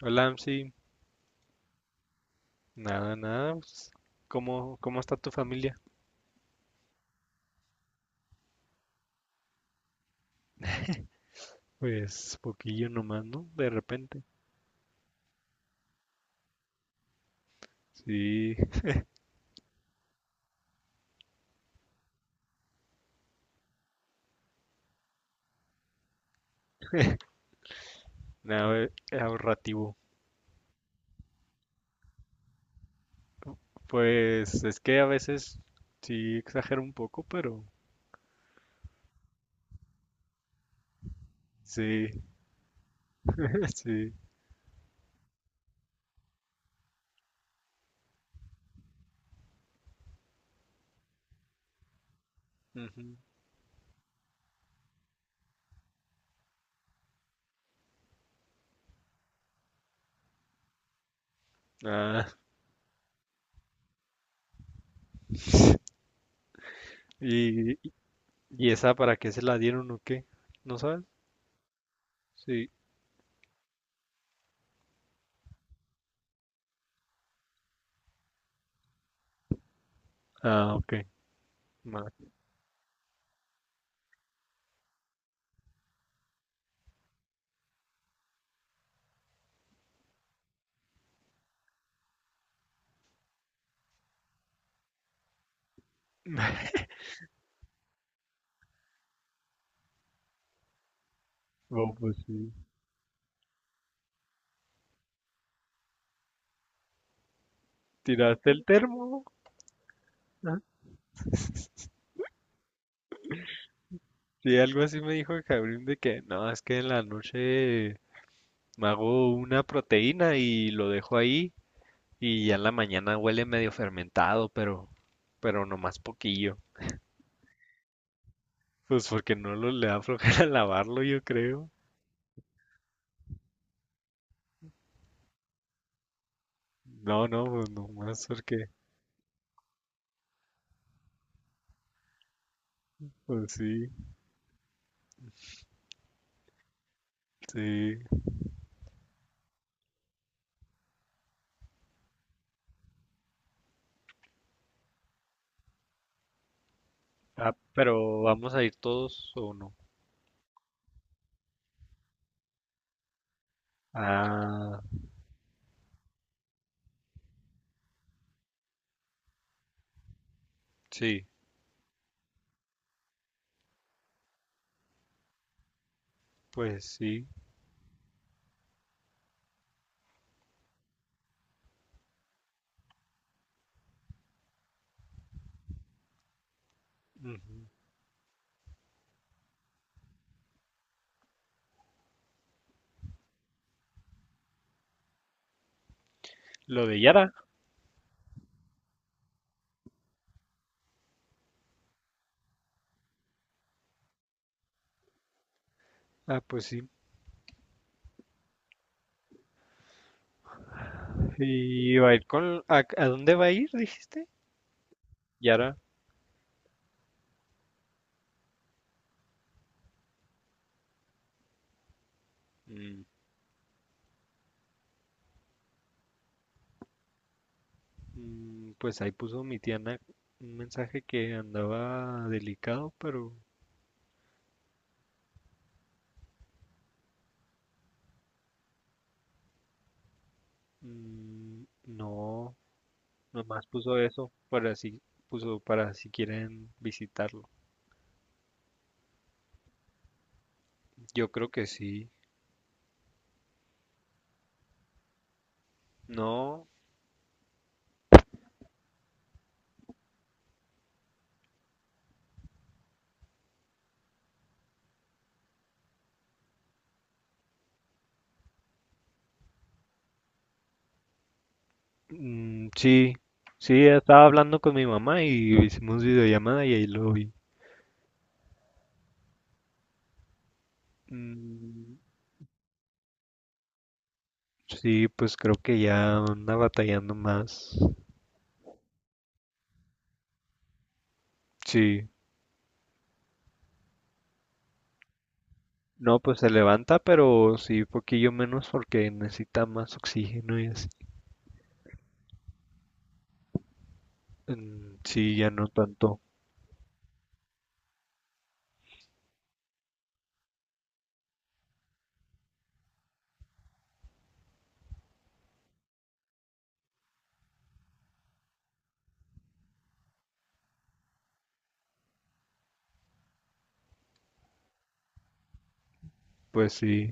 Hola, Amsi. Nada, nada, pues, ¿Cómo está tu familia? Pues poquillo nomás, ¿no? De repente. Sí, nada, ahorrativo. Pues es que a veces sí exagero un poco, pero sí, sí. Ujú. Ah, y- ¿esa para qué se la dieron o qué? ¿No sabes? Sí. Ah, ok. Ma- No, pues sí. ¿Tiraste el termo? Ah, sí, algo así me dijo Gabriel de que no, es que en la noche me hago una proteína y lo dejo ahí, y ya en la mañana huele medio fermentado, pero nomás poquillo. Pues porque no lo, le da flojera lavarlo, yo creo. No, no, pues nomás porque, pues sí, sí. Ah, ¿pero vamos a ir todos o no? Ah, sí, pues sí. Ujú. Lo de Yara. Ah, pues sí. ¿Y va a ir con... ¿a, a dónde va a ir, dijiste? Yara. Mm, Pues ahí puso mi tía Ana un mensaje que andaba delicado, pero no, nomás puso eso para si, puso para si quieren visitarlo. Yo creo que sí. No, sí, sí, estaba hablando con mi mamá y hicimos videollamada y ahí lo vi. Mm, sí, pues creo que ya anda batallando más. Sí. No, pues se levanta, pero sí, poquillo menos porque necesita más oxígeno y así. Mm. Sí, ya no tanto. Pues sí,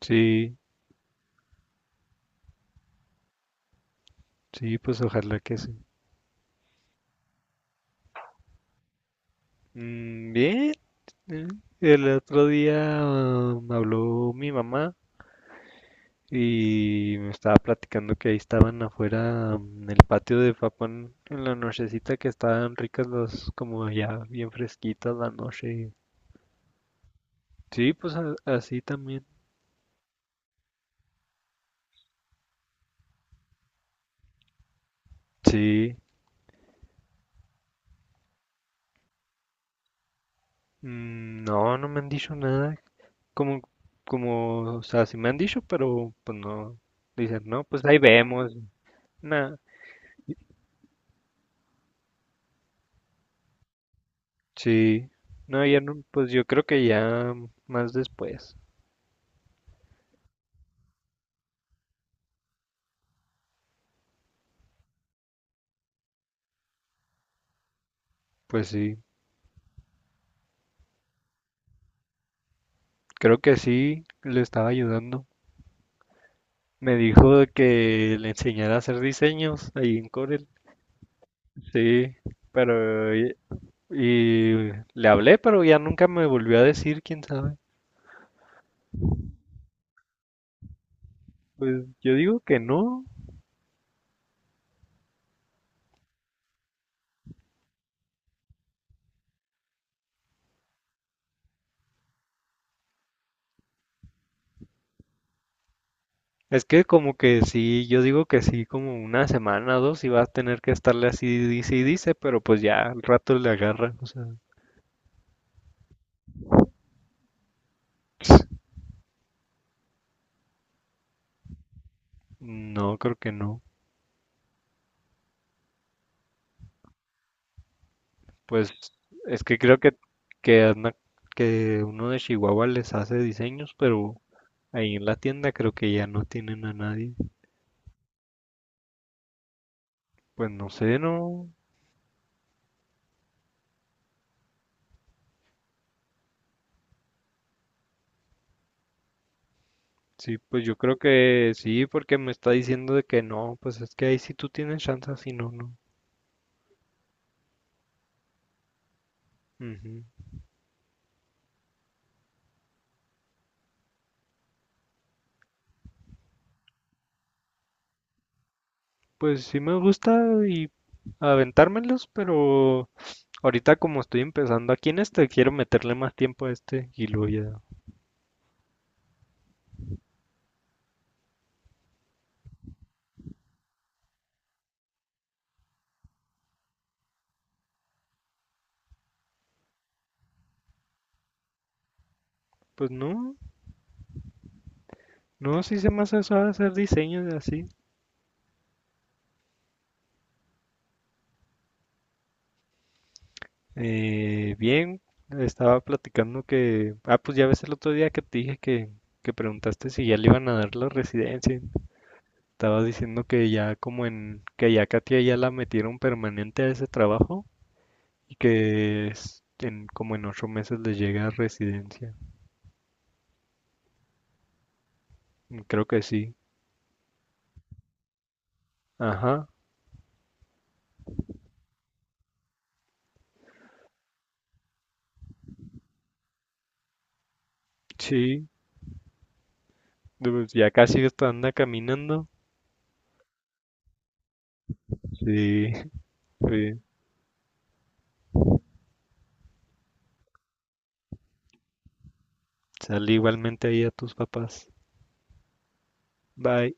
sí, sí, pues ojalá que sí. Bien, eh, el otro día, ah, me habló mi mamá y me estaba platicando que ahí estaban afuera, en el patio de Papón en la nochecita, que estaban ricas las, como ya bien fresquitas la noche. Sí, pues a- así también. Sí. Mm, no, no me han dicho nada. Como, como, o sea, sí me han dicho, pero pues no, dicen, no, pues ahí vemos, nada, sí, no, ya no, pues yo creo que ya más después, pues sí, creo que sí, le estaba ayudando. Me dijo de que le enseñara a hacer diseños ahí en Corel, sí, pero, y le hablé, pero ya nunca me volvió a decir, quién sabe, pues yo digo que no. Es que como que sí, yo digo que sí, como una semana o dos y vas a tener que estarle así, dice y dice, pero pues ya al rato le agarra, o sea, no, creo que no. Pues es que creo que, anda- que uno de Chihuahua les hace diseños, pero ahí en la tienda creo que ya no tienen a nadie. Pues no sé, no. Sí, pues yo creo que sí, porque me está diciendo de que no, pues es que ahí sí tú tienes chance, si no, no. Ujú. Pues sí me gusta y aventármelos, pero ahorita como estoy empezando aquí en este, quiero meterle más tiempo a este y luego ya. Pues no, no, sí se me hace suave hacer diseños así. Bien, estaba platicando que, ah, pues ya ves el otro día que te dije que preguntaste si ya le iban a dar la residencia. Estaba diciendo que ya como en, que ya Katia ya la metieron permanente a ese trabajo y que es- en, como en 8 meses le llega a residencia. Creo que sí. Ajá. Sí. Pues ya casi hasta anda caminando. Sí. Sí. Sale, igualmente ahí a tus papás. Bye.